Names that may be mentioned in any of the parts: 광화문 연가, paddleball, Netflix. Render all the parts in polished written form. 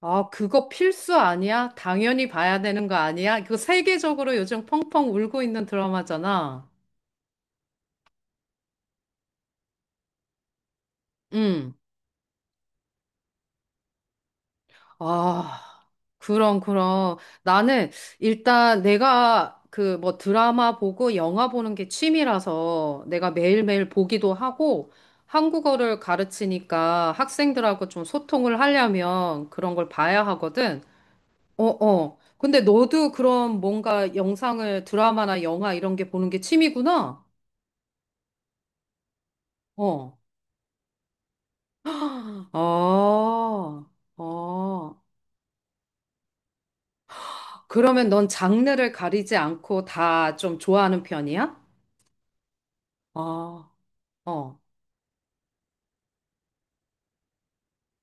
아, 그거 필수 아니야? 당연히 봐야 되는 거 아니야? 이거 세계적으로 요즘 펑펑 울고 있는 드라마잖아. 응. 아, 그럼, 그럼. 나는 일단 내가 그 뭐 드라마 보고 영화 보는 게 취미라서 내가 매일매일 보기도 하고 한국어를 가르치니까 학생들하고 좀 소통을 하려면 그런 걸 봐야 하거든. 어, 어. 근데 너도 그럼 뭔가 영상을 드라마나 영화 이런 게 보는 게 취미구나? 어. 아, 어. 그러면 넌 장르를 가리지 않고 다 좀 좋아하는 편이야? 아, 어,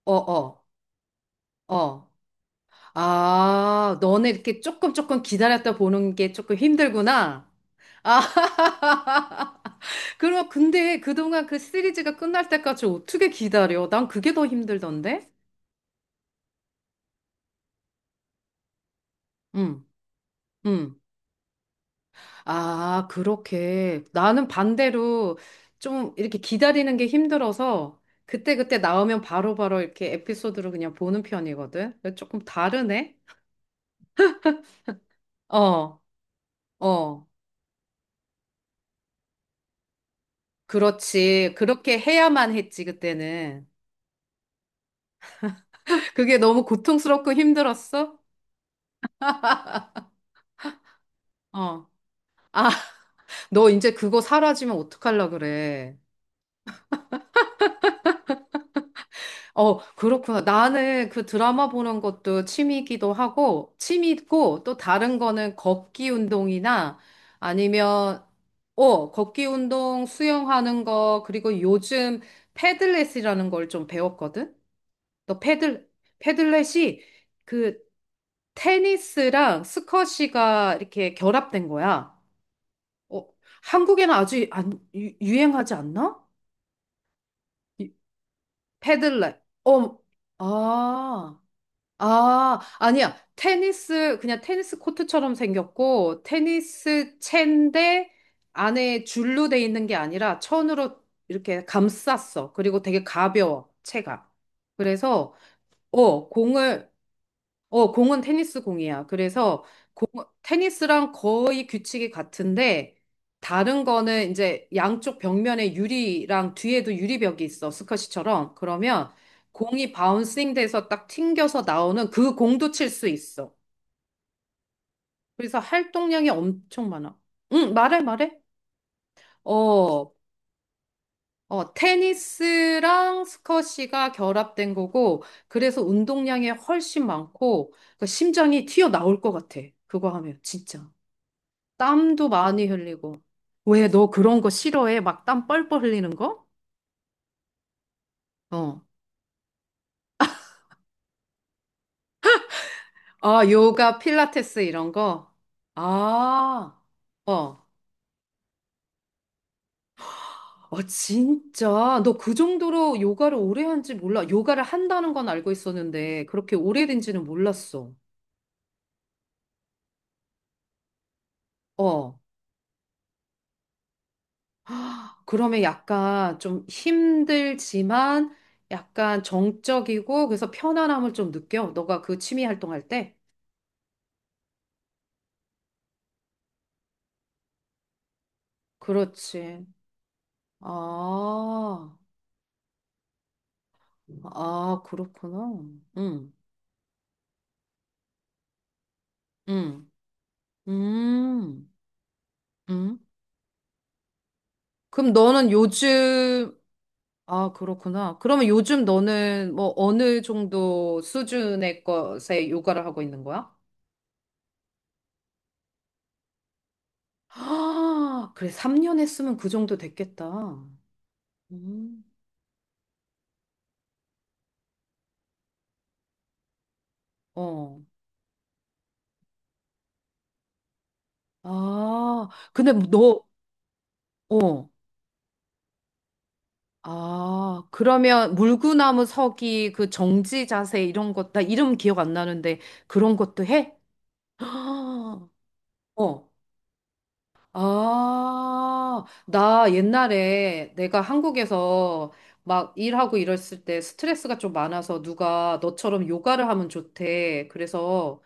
어, 어, 어. 아, 너는 이렇게 조금 조금 기다렸다 보는 게 조금 힘들구나. 아, 그럼 근데 그동안 그 시리즈가 끝날 때까지 어떻게 기다려? 난 그게 더 힘들던데? 응, 응. 아, 그렇게. 나는 반대로 좀 이렇게 기다리는 게 힘들어서 그때그때 나오면 바로바로 이렇게 에피소드로 그냥 보는 편이거든. 근데 조금 다르네? 어, 어. 그렇지. 그렇게 해야만 했지, 그때는. 그게 너무 고통스럽고 힘들었어? 어. 아, 너 이제 그거 사라지면 어떡하려 그래. 어, 그렇구나. 나는 그 드라마 보는 것도 취미이기도 하고, 취미고, 또 다른 거는 걷기 운동이나 아니면, 걷기 운동, 수영하는 거, 그리고 요즘 패들렛이라는 걸 좀 배웠거든? 너 패들렛이 그 테니스랑 스쿼시가 이렇게 결합된 거야. 어, 한국에는 아주 안, 유, 유행하지 않나? 이- 패들렛. 어, 아. 아, 아니야. 테니스, 그냥 테니스 코트처럼 생겼고, 테니스 채인데 안에 줄로 돼 있는 게 아니라 천으로 이렇게 감쌌어. 그리고 되게 가벼워, 채가. 그래서, 어, 공을, 공은 테니스 공이야. 그래서 공, 테니스랑 거의 규칙이 같은데 다른 거는 이제 양쪽 벽면에 유리랑 뒤에도 유리벽이 있어. 스쿼시처럼. 그러면 공이 바운싱 돼서 딱 튕겨서 나오는 그 공도 칠 수 있어. 그래서 활동량이 엄청 많아. 응, 말해, 말해. 어, 테니스랑 스쿼시가 결합된 거고, 그래서 운동량이 훨씬 많고, 그러니까 심장이 튀어나올 것 같아. 그거 하면, 진짜. 땀도 많이 흘리고. 왜 너 그런 거 싫어해? 막 땀 뻘뻘 흘리는 거? 어. 아, 요가, 필라테스 이런 거? 아, 어. 어, 진짜. 너 그 정도로 요가를 오래 한지 몰라. 요가를 한다는 건 알고 있었는데, 그렇게 오래된지는 몰랐어. 어. 헉, 그러면 약간 좀 힘들지만, 약간 정적이고, 그래서 편안함을 좀 느껴. 너가 그 취미 활동할 때? 그렇지. 아. 아, 그렇구나. 응, 응, 음, 응. 그럼 너는 요즘, 아, 그렇구나. 그러면 요즘 너는 뭐 어느 정도 수준의 것에 요가를 하고 있는 거야? 아, 그래. 3년 했으면 그 정도 됐겠다. 음, 어. 아, 근데 너, 어. 아, 그러면 물구나무 서기, 그 정지 자세 이런 것, 나 이름 기억 안 나는데 그런 것도 해? 아, 어. 아, 나 옛날에 내가 한국에서 막 일하고 이랬을 때 스트레스가 좀 많아서 누가 너처럼 요가를 하면 좋대. 그래서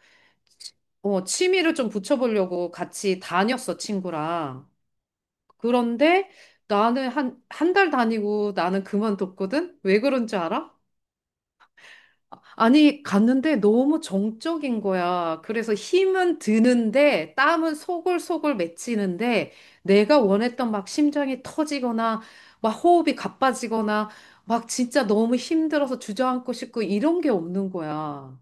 취미를 좀 붙여보려고 같이 다녔어, 친구랑. 그런데 나는 한, 한 달 다니고 나는 그만뒀거든? 왜 그런 줄 알아? 아니, 갔는데 너무 정적인 거야. 그래서 힘은 드는데 땀은 소골소골 맺히는데 내가 원했던 막 심장이 터지거나 막 호흡이 가빠지거나 막 진짜 너무 힘들어서 주저앉고 싶고 이런 게 없는 거야.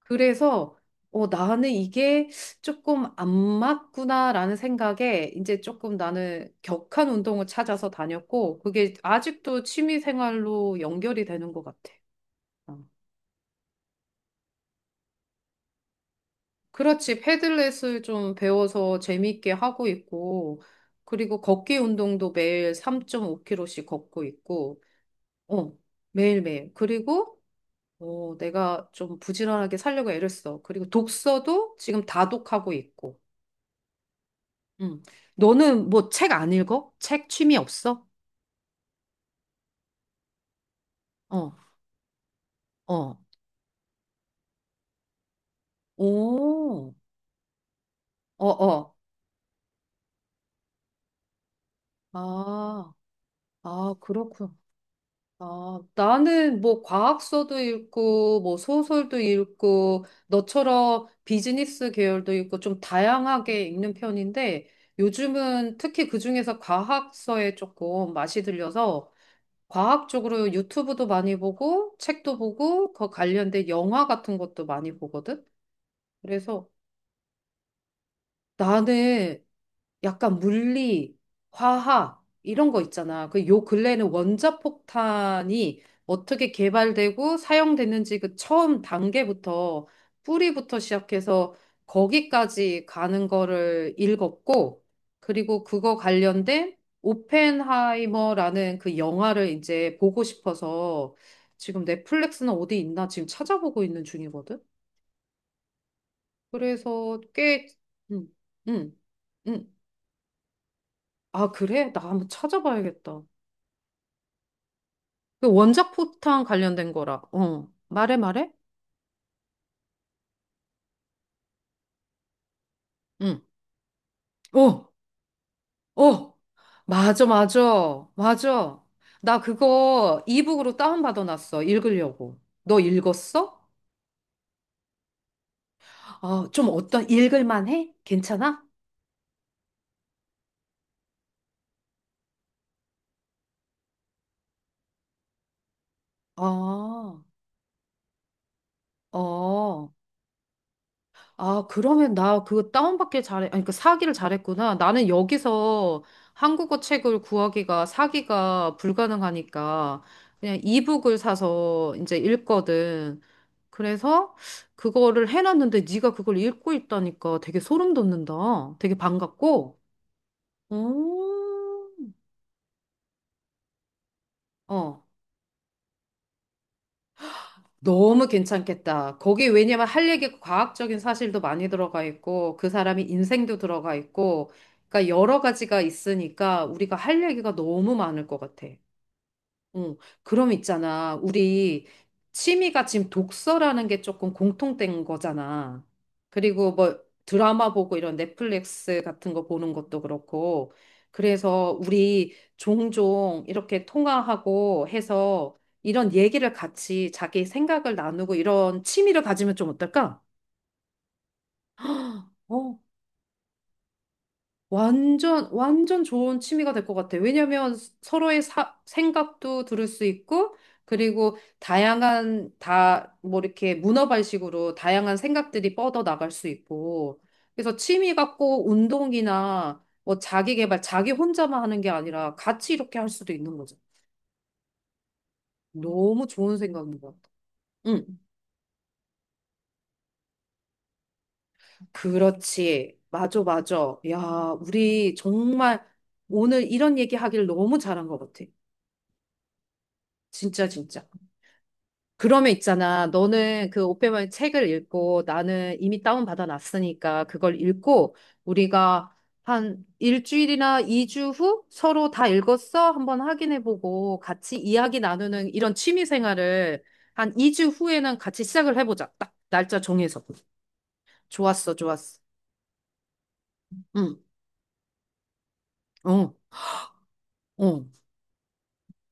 그래서 나는 이게 조금 안 맞구나라는 생각에 이제 조금 나는 격한 운동을 찾아서 다녔고 그게 아직도 취미 생활로 연결이 되는 것 같아. 어. 그렇지. 패들렛을 좀 배워서 재밌게 하고 있고, 그리고 걷기 운동도 매일 3 5 k 로씩 걷고 있고, 어, 매일매일. 그리고, 내가 좀 부지런하게 살려고 애를 써. 그리고 독서도 지금 다독하고 있고, 음 너는 뭐 책 안 읽어? 책 취미 없어? 어, 어, 오, 어, 어. 아, 아, 그렇구나. 아, 나는 뭐 과학서도 읽고, 뭐 소설도 읽고, 너처럼 비즈니스 계열도 읽고, 좀 다양하게 읽는 편인데, 요즘은 특히 그중에서 과학서에 조금 맛이 들려서, 과학적으로 유튜브도 많이 보고, 책도 보고, 그 관련된 영화 같은 것도 많이 보거든? 그래서 나는 약간 물리, 화학 이런 거 있잖아. 그 요 근래에는 원자폭탄이 어떻게 개발되고 사용됐는지 그 처음 단계부터 뿌리부터 시작해서 거기까지 가는 거를 읽었고 그리고 그거 관련된 오펜하이머라는 그 영화를 이제 보고 싶어서 지금 넷플릭스는 어디 있나 지금 찾아보고 있는 중이거든. 그래서 꽤. 음, 음, 음, 아, 그래? 나 한번 찾아봐야겠다. 그 원자 폭탄 관련된 거라. 어. 말해, 말해? 응. 어, 어. 맞아, 맞아. 맞아. 나 그거 이북으로 다운받아놨어. 읽으려고. 너 읽었어? 아, 좀 어떤, 읽을만 해? 괜찮아? 아, 어. 아, 그러면 나 그거 다운받길 잘해. 아니, 그 사기를 잘했구나. 나는 여기서 한국어 책을 구하기가 사기가 불가능하니까 그냥 이북을 사서 이제 읽거든. 그래서 그거를 해놨는데 네가 그걸 읽고 있다니까 되게 소름 돋는다. 되게 반갑고. 음. 어. 너무 괜찮겠다. 거기 왜냐면 할 얘기 과학적인 사실도 많이 들어가 있고 그 사람이 인생도 들어가 있고 그러니까 여러 가지가 있으니까 우리가 할 얘기가 너무 많을 것 같아. 어, 그럼 있잖아. 우리 취미가 지금 독서라는 게 조금 공통된 거잖아. 그리고 뭐 드라마 보고 이런 넷플릭스 같은 거 보는 것도 그렇고. 그래서 우리 종종 이렇게 통화하고 해서 이런 얘기를 같이 자기 생각을 나누고 이런 취미를 가지면 좀 어떨까? 어, 완전, 완전 좋은 취미가 될 것 같아. 왜냐면 서로의 생각도 들을 수 있고, 그리고 다양한, 뭐 이렇게 문어발식으로 다양한 생각들이 뻗어 나갈 수 있고. 그래서 취미가 꼭 운동이나 뭐 자기 개발, 자기 혼자만 하는 게 아니라 같이 이렇게 할 수도 있는 거죠. 너무 좋은 생각인 것 같아. 응, 그렇지. 맞아, 맞아. 야, 우리 정말 오늘 이런 얘기 하길 너무 잘한 것 같아. 진짜, 진짜. 그러면 있잖아. 너는 그 오페머의 책을 읽고 나는 이미 다운받아 놨으니까 그걸 읽고 우리가 한 일주일이나 2주 후 서로 다 읽었어? 한번 확인해보고 같이 이야기 나누는 이런 취미 생활을 한 2주 후에는 같이 시작을 해보자. 딱 날짜 정해서. 좋았어, 좋았어. 응, 어, 어.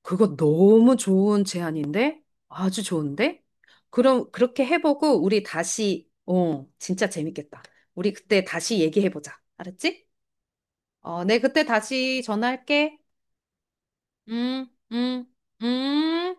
그거 너무 좋은 제안인데? 아주 좋은데? 그럼 그렇게 해보고 우리 다시, 진짜 재밌겠다. 우리 그때 다시 얘기해보자. 알았지? 내 그때 다시 전화할게. 음, 음, 음.